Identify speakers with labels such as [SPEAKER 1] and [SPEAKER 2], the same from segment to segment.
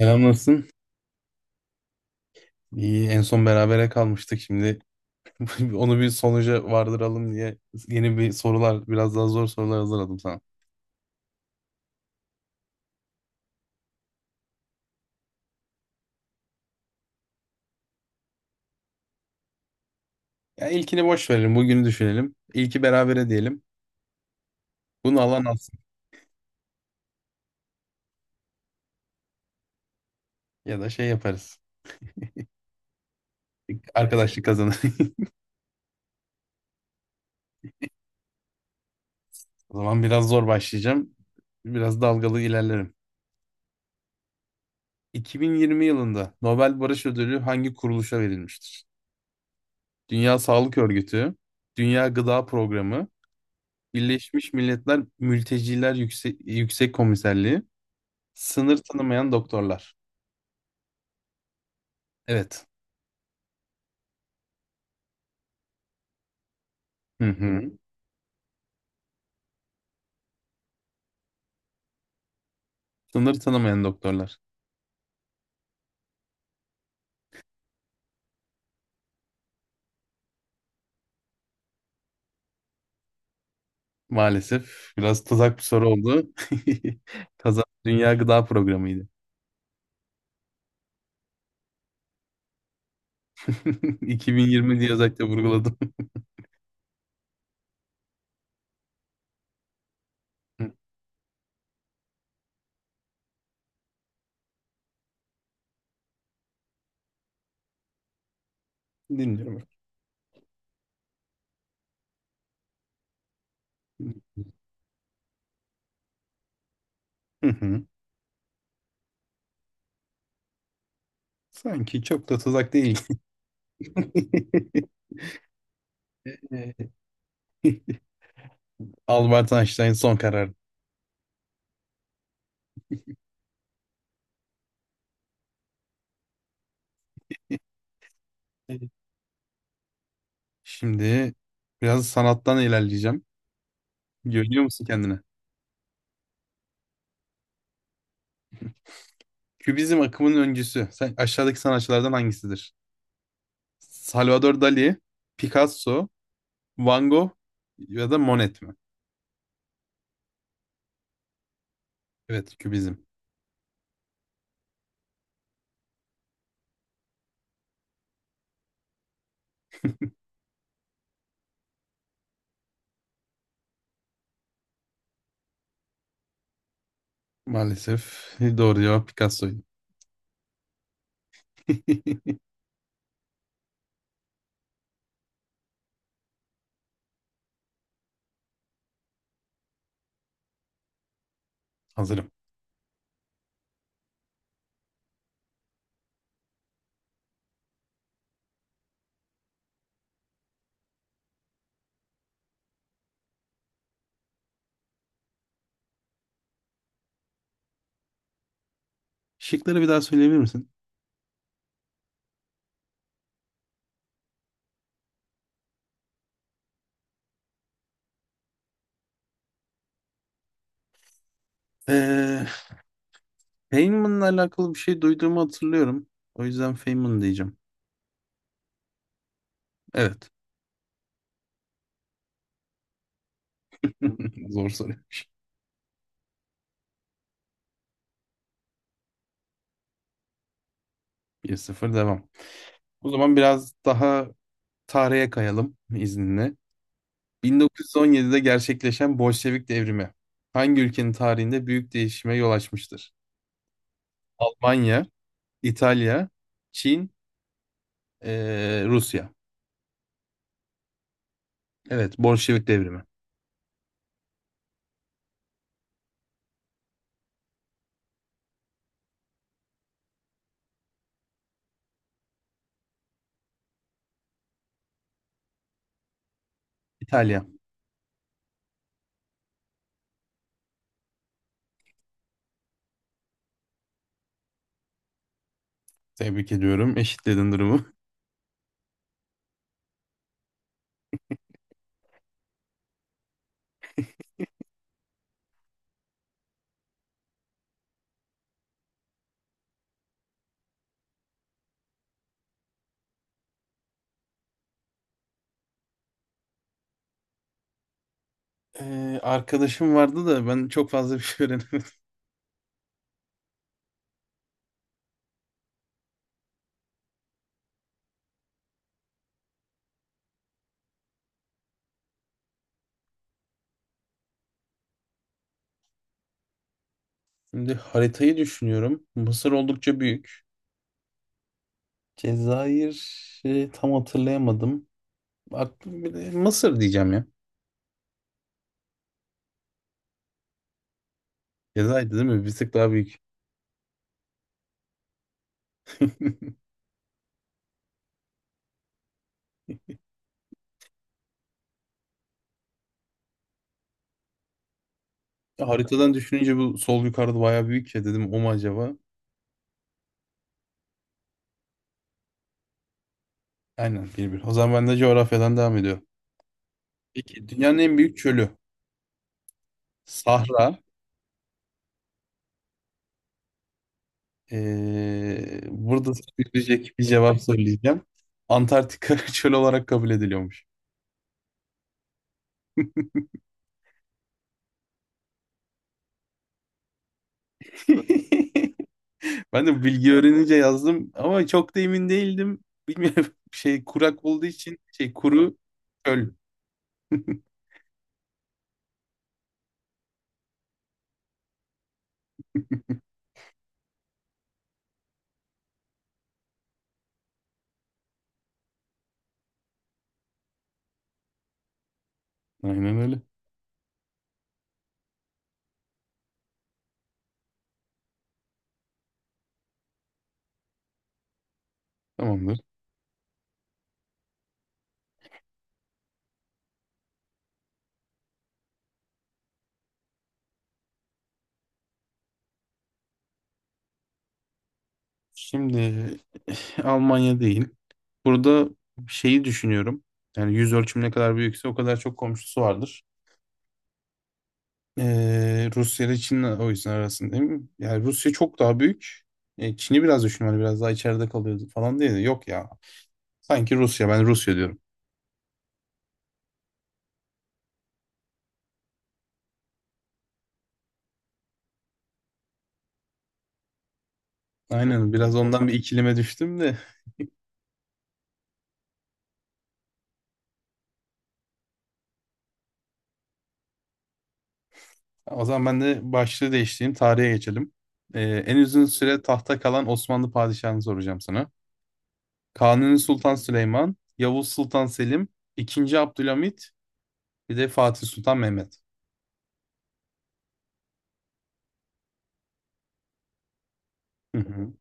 [SPEAKER 1] Selam nasılsın? İyi, en son berabere kalmıştık şimdi. Onu bir sonuca vardıralım diye yeni bir sorular, biraz daha zor sorular hazırladım sana. Ya ilkini boş verelim, bugünü düşünelim. İlki berabere diyelim. Bunu alan alsın. Ya da şey yaparız. Arkadaşlık kazanır. O zaman biraz zor başlayacağım. Biraz dalgalı ilerlerim. 2020 yılında Nobel Barış Ödülü hangi kuruluşa verilmiştir? Dünya Sağlık Örgütü, Dünya Gıda Programı, Birleşmiş Milletler Mülteciler Yüksek, Yüksek Komiserliği, Sınır tanımayan doktorlar. Evet. Hı hı. Sınır tanımayan doktorlar. Maalesef biraz tuzak bir soru oldu. Kazan Dünya Gıda Programı'ydı. 2020 diye özellikle vurguladım. Dinliyorum. Hı hı. Sanki çok da tuzak değil. Albert Einstein son kararı. Şimdi biraz sanattan ilerleyeceğim. Görüyor musun kendine? Kübizm akımının öncüsü. Sen, aşağıdaki sanatçılardan hangisidir? Salvador Dali, Picasso, Van Gogh ya da Monet mi? Evet, kübizm. Maalesef doğru cevap Picasso'ydu. Hazırım. Şıkları bir daha söyleyebilir misin? Ee, Feynman'la alakalı bir şey duyduğumu hatırlıyorum. O yüzden Feynman diyeceğim. Evet. Zor soru. 1-0 devam. O zaman biraz daha tarihe kayalım izninle. 1917'de gerçekleşen Bolşevik devrimi hangi ülkenin tarihinde büyük değişime yol açmıştır? Almanya, İtalya, Çin, Rusya. Evet, Bolşevik devrimi. İtalya. Tebrik ediyorum. Eşitledin durumu. Arkadaşım vardı da ben çok fazla bir şey öğrenemedim. Şimdi haritayı düşünüyorum. Mısır oldukça büyük. Cezayir tam hatırlayamadım. Aklım bile Mısır diyeceğim ya. Cezayir değil mi? Bir tık daha büyük. Haritadan düşününce bu sol yukarıda bayağı büyük ya dedim o mu acaba? Aynen bir bir. O zaman ben de coğrafyadan devam ediyorum. Peki dünyanın en büyük çölü. Sahra, burada seni üzecek bir cevap söyleyeceğim. Antarktika çöl olarak kabul ediliyormuş. Ben de bu bilgi öğrenince yazdım ama çok da emin değildim. Bilmiyorum şey kurak olduğu için şey kuru çöl. Aynen öyle. Tamamdır. Şimdi Almanya değil. Burada şeyi düşünüyorum. Yani yüz ölçüm ne kadar büyükse o kadar çok komşusu vardır. Rusya ile Çin o yüzden arasında değil mi? Yani Rusya çok daha büyük. E, Çin'i biraz düşün hani biraz daha içeride kalıyordu falan diye de yok ya. Sanki Rusya ben Rusya diyorum. Aynen biraz ondan bir ikilime düştüm de. O zaman ben de başlığı değiştireyim tarihe geçelim. En uzun süre tahta kalan Osmanlı padişahını soracağım sana. Kanuni Sultan Süleyman, Yavuz Sultan Selim, II. Abdülhamit bir de Fatih Sultan Mehmet. Hı hı.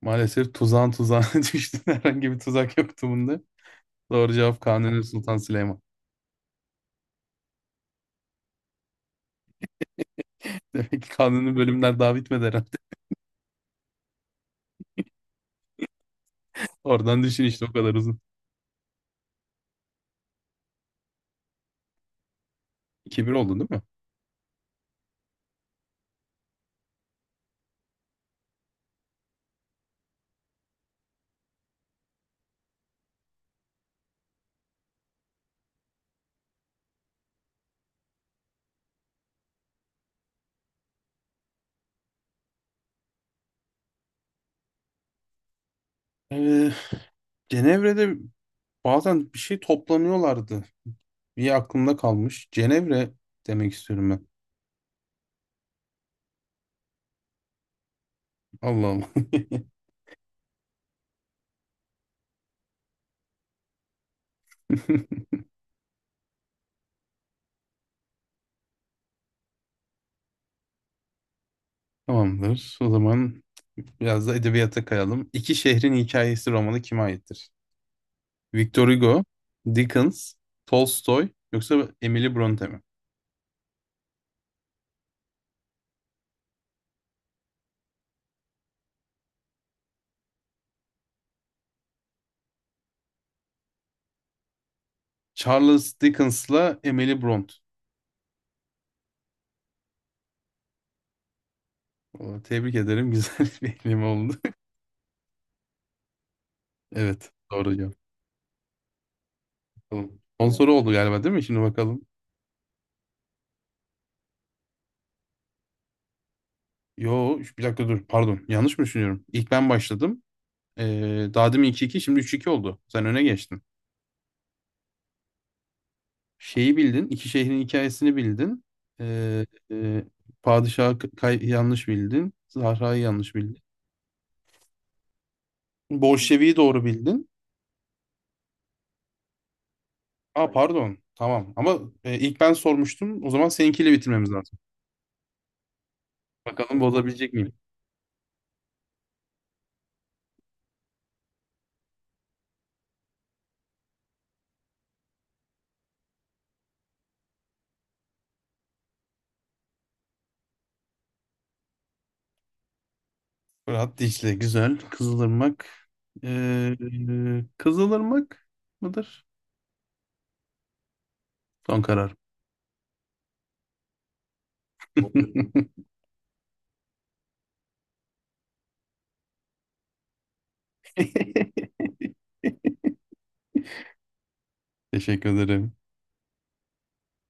[SPEAKER 1] Maalesef tuzağın tuzağına düştün. Herhangi bir tuzak yoktu bunda. Doğru cevap Kanuni Sultan Süleyman. Demek ki Kanuni bölümler daha bitmedi herhalde. Oradan düşün işte o kadar uzun. 2-1 oldu değil mi? Ee, Cenevre'de bazen bir şey toplanıyorlardı. Bir aklımda kalmış. Cenevre demek istiyorum ben. Allah Allah. Tamamdır. O zaman biraz da edebiyata kayalım. İki şehrin hikayesi romanı kime aittir? Victor Hugo, Dickens, Tolstoy yoksa Emily Bronte mi? Charles Dickens'la Emily Bront. Aa, tebrik ederim. Güzel bir ekleme oldu. Evet. Doğru cevap. Bakalım. Son soru oldu galiba değil mi? Şimdi bakalım. Yo, üç- bir dakika dur. Pardon. Yanlış mı düşünüyorum? İlk ben başladım. Daha demin 2-2, şimdi üç iki oldu. Sen öne geçtin. Şeyi bildin. İki şehrin hikayesini bildin. Ee, e, Padişahı k- kay- yanlış bildin. Zahra'yı yanlış bildin. Bolşevi'yi doğru bildin. Aa pardon. Tamam. Ama ilk ben sormuştum. O zaman seninkiyle bitirmemiz lazım. Bakalım bozabilecek miyim? Fırat Dicle güzel. Kızılırmak. Ee, Kızılırmak mıdır? Son karar. Teşekkür ederim.